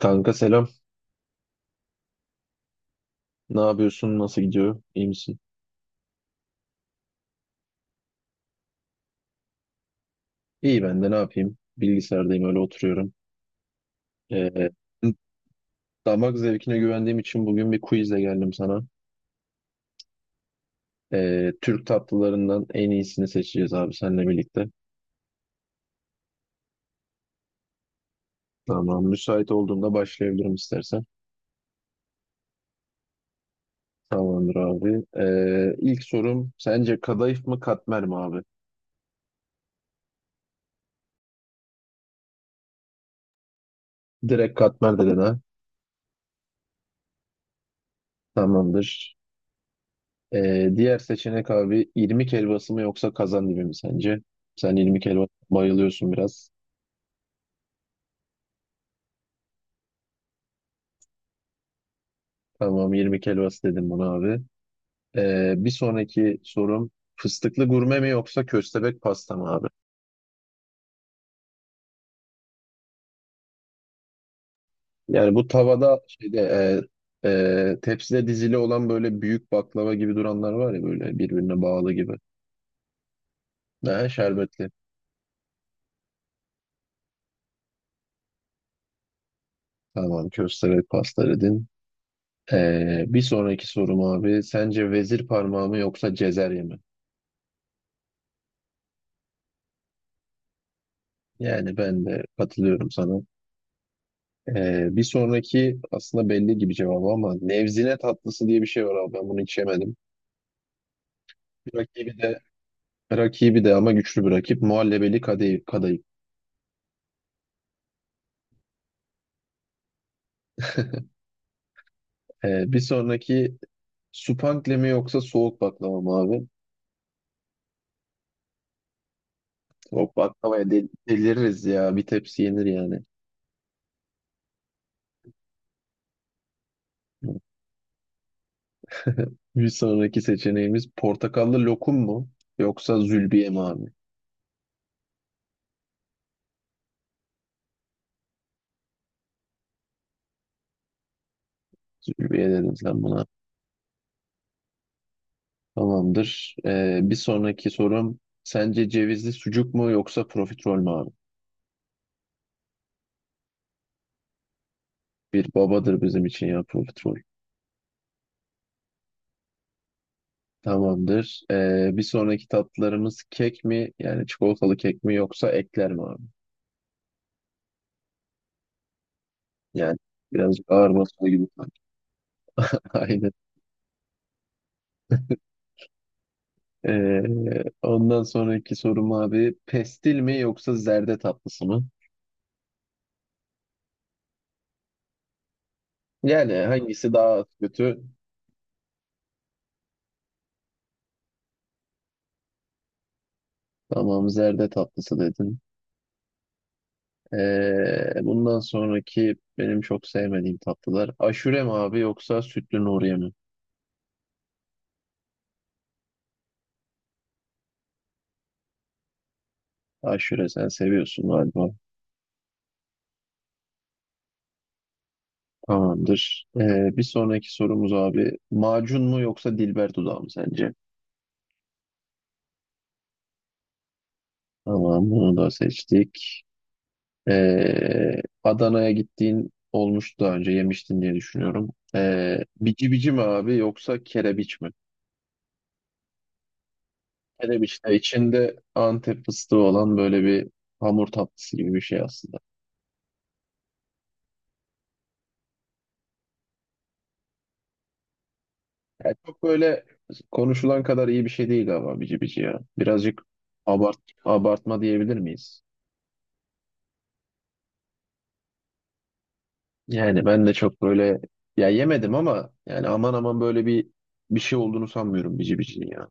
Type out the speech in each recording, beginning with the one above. Kanka selam. Ne yapıyorsun? Nasıl gidiyor? İyi misin? İyi, ben de ne yapayım? Bilgisayardayım, öyle oturuyorum. Ee, damak zevkine güvendiğim için bugün bir quizle geldim sana. Türk tatlılarından en iyisini seçeceğiz abi seninle birlikte. Tamam. Müsait olduğunda başlayabilirim istersen. Tamamdır abi. İlk sorum sence kadayıf mı katmer mi abi? Direkt katmer dedin ha. Tamamdır. Diğer seçenek abi irmik helvası mı yoksa kazandibi mi sence? Sen irmik helvası bayılıyorsun biraz. Tamam, 20 helvası dedim buna abi. Bir sonraki sorum fıstıklı gurme mi yoksa köstebek pasta mı abi? Yani bu tavada şeyde tepside dizili olan böyle büyük baklava gibi duranlar var ya, böyle birbirine bağlı gibi. Ne şerbetli. Tamam, köstebek pasta dedin. Bir sonraki sorum abi sence vezir parmağı mı yoksa cezerye mi? Yani ben de katılıyorum sana. Bir sonraki aslında belli gibi cevabı ama nevzine tatlısı diye bir şey var abi, ben bunu hiç yemedim. Rakibi de rakibi de ama güçlü bir rakip. Muhallebeli Kadayıf. Kadayıf. Bir sonraki Supankle mi yoksa soğuk baklava mı abi? Soğuk baklavaya deliririz ya. Bir tepsi yenir yani. Bir sonraki seçeneğimiz portakallı lokum mu yoksa zülbiye mi abi? Zülbiye dedin sen buna. Tamamdır. Bir sonraki sorum sence cevizli sucuk mu yoksa profiterol mü abi? Bir babadır bizim için ya profiterol. Tamamdır. Bir sonraki tatlılarımız kek mi? Yani çikolatalı kek mi yoksa ekler mi abi? Yani birazcık ağır basma gibi sanki. Aynen. Ondan sonraki sorum abi pestil mi yoksa zerde tatlısı mı? Yani hangisi daha kötü? Tamam, zerde tatlısı dedin. Bundan sonraki benim çok sevmediğim tatlılar. Aşure mi abi yoksa sütlü Nuriye mi? Aşure sen seviyorsun galiba. Tamamdır. Bir sonraki sorumuz abi. Macun mu yoksa Dilber dudağı mı sence? Tamam, bunu da seçtik. Adana'ya gittiğin olmuş, daha önce yemiştin diye düşünüyorum. Bici bici mi abi yoksa kerebiç mi? Kerebiç de içinde Antep fıstığı olan böyle bir hamur tatlısı gibi bir şey aslında. Yani çok böyle konuşulan kadar iyi bir şey değil ama bici bici ya. Birazcık abart, abartma diyebilir miyiz? Yani ben de çok böyle, ya yemedim ama yani aman aman böyle bir şey olduğunu sanmıyorum bici bicinin ya.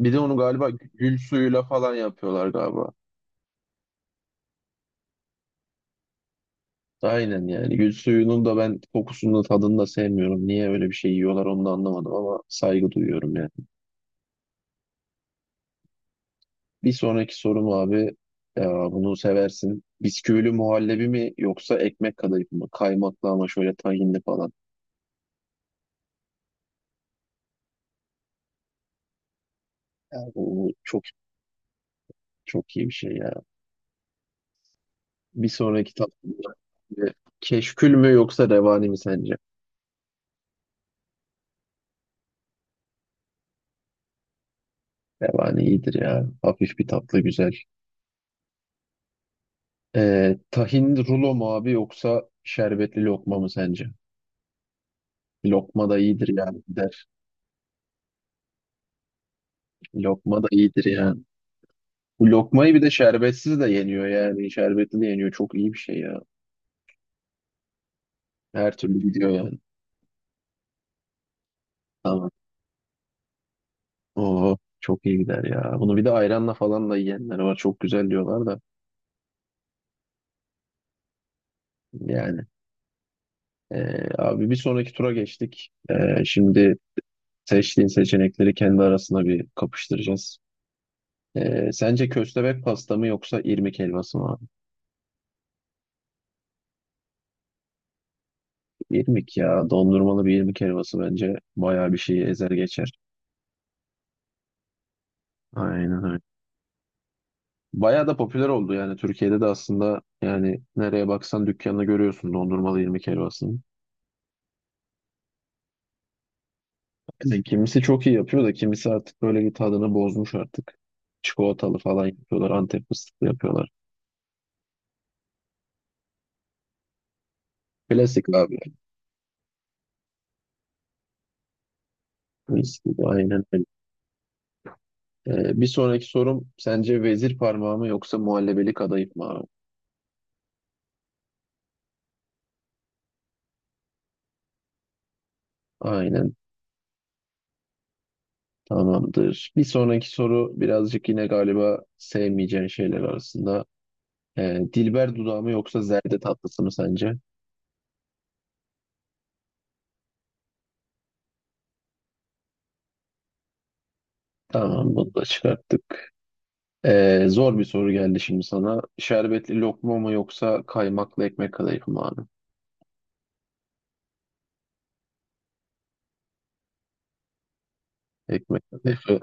Bir de onu galiba gül suyuyla falan yapıyorlar galiba. Aynen, yani gül suyunun da ben kokusunu da tadını da sevmiyorum. Niye öyle bir şey yiyorlar onu da anlamadım ama saygı duyuyorum yani. Bir sonraki sorum abi, ya bunu seversin. Bisküvili muhallebi mi yoksa ekmek kadayıf mı? Kaymaklı ama şöyle tahinli falan. Ya bu çok çok iyi bir şey ya. Bir sonraki tatlı. Keşkül mü yoksa revani mi sence? Revani iyidir ya. Hafif bir tatlı, güzel. Tahin rulo mu abi yoksa şerbetli lokma mı sence? Lokma da iyidir yani, gider. Lokma da iyidir yani. Bu lokmayı bir de şerbetsiz de yeniyor yani. Şerbetli de yeniyor. Çok iyi bir şey ya. Her türlü gidiyor yani. Tamam. Oo, çok iyi gider ya. Bunu bir de ayranla falan da yiyenler var. Çok güzel diyorlar da. Yani. Abi bir sonraki tura geçtik. Şimdi seçtiğin seçenekleri kendi arasında bir kapıştıracağız. Sence köstebek pasta mı yoksa irmik helvası mı abi? İrmik ya. Dondurmalı bir irmik helvası bence bayağı bir şeyi ezer geçer. Aynen öyle. Bayağı da popüler oldu yani. Türkiye'de de aslında yani nereye baksan dükkanını görüyorsun dondurmalı irmik helvasını. Yani kimisi çok iyi yapıyor da kimisi artık böyle bir tadını bozmuş artık. Çikolatalı falan yapıyorlar. Antep fıstıklı yapıyorlar. Klasik abi. Klasik. Aynen. Bir sonraki sorum sence vezir parmağı mı yoksa muhallebelik kadayıf mı abi? Aynen, tamamdır. Bir sonraki soru birazcık yine galiba sevmeyeceğin şeyler arasında. Dilber dudağı mı yoksa zerde tatlısı mı sence? Tamam, bunu da çıkarttık. Zor bir soru geldi şimdi sana. Şerbetli lokma mı yoksa kaymaklı ekmek kadayıf mı abi? Ekmek kadayıfı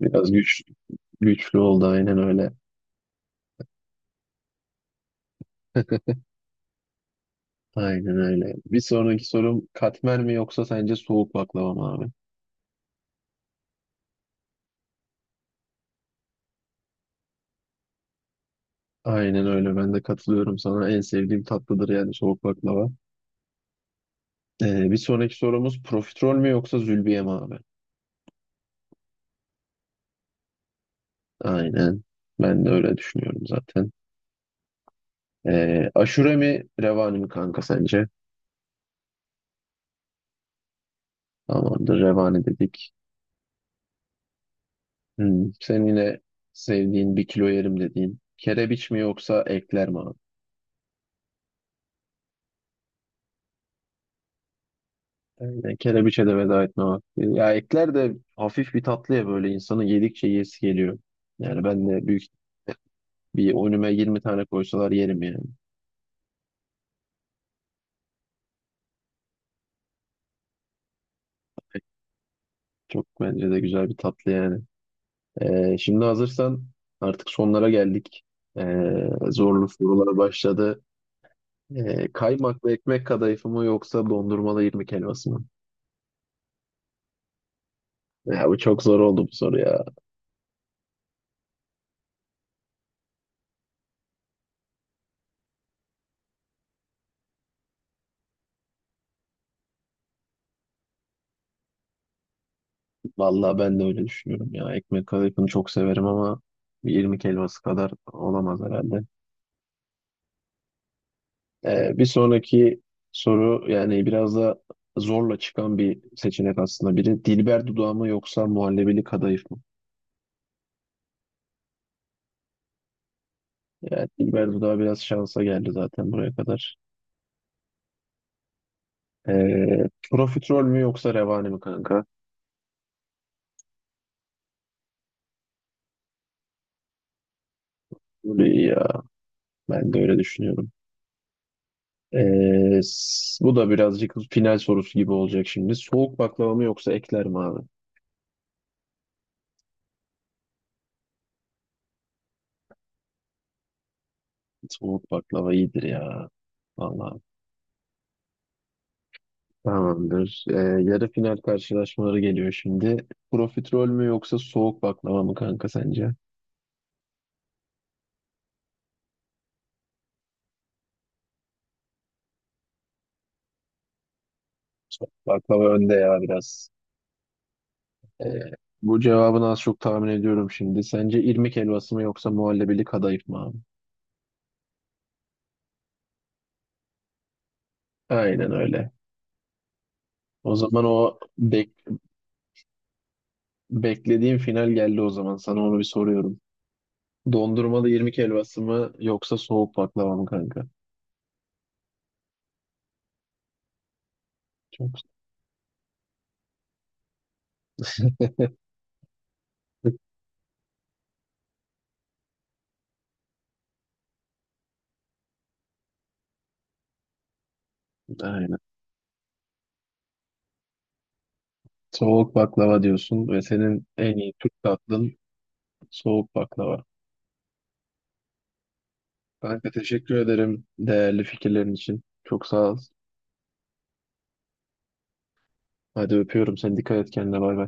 biraz güçlü oldu, aynen öyle. Aynen öyle. Bir sonraki sorum katmer mi yoksa sence soğuk baklava mı abi? Aynen öyle. Ben de katılıyorum sana. En sevdiğim tatlıdır yani soğuk baklava. Bir sonraki sorumuz profiterol mü yoksa zülbiye mi abi? Aynen. Ben de öyle düşünüyorum zaten. Aşure mi revani mi kanka sence? Tamamdır, revani dedik. Hmm. Senin yine sevdiğin, bir kilo yerim dediğin. Kerebiç mi yoksa ekler mi abi? Aynen. Kerebiçe de veda etme vakti. Ya ekler de hafif bir tatlı ya, böyle insanı yedikçe yesi geliyor. Yani ben de büyük bir önüme 20 tane koysalar yerim yani. Çok bence de güzel bir tatlı yani. Şimdi hazırsan artık sonlara geldik. Zorlu sorular başladı. Kaymaklı ekmek kadayıfı mı yoksa dondurmalı irmik helvası mı? Ya bu çok zor oldu bu soru ya. Vallahi ben de öyle düşünüyorum ya. Ekmek kadayıfını çok severim ama bir irmik helvası kadar olamaz herhalde. Bir sonraki soru yani biraz da zorla çıkan bir seçenek aslında biri. Dilber dudağı mı yoksa muhallebili kadayıf mı? Yani Dilber Duda biraz şansa geldi zaten buraya kadar. Profiterol mü yoksa revani mi kanka? Böyle iyi. Ya ben de öyle düşünüyorum. Bu da birazcık final sorusu gibi olacak şimdi. Soğuk baklava mı yoksa ekler mi abi? Soğuk baklava iyidir ya. Vallahi tamamdır. Yarı final karşılaşmaları geliyor şimdi. Profiterol mü yoksa soğuk baklava mı kanka sence? Soğuk baklava önde ya biraz. Ee, bu cevabını az çok tahmin ediyorum şimdi. Sence irmik helvası mı yoksa muhallebili kadayıf mı abi? Aynen öyle. O zaman o beklediğim final geldi o zaman. Sana onu bir soruyorum. Dondurmalı irmik helvası mı yoksa soğuk baklava mı kanka? Çok aynen. Soğuk baklava diyorsun ve senin en iyi Türk tatlın soğuk baklava. Kanka teşekkür ederim değerli fikirlerin için. Çok sağ ol. Hadi öpüyorum seni. Dikkat et kendine. Bay bay.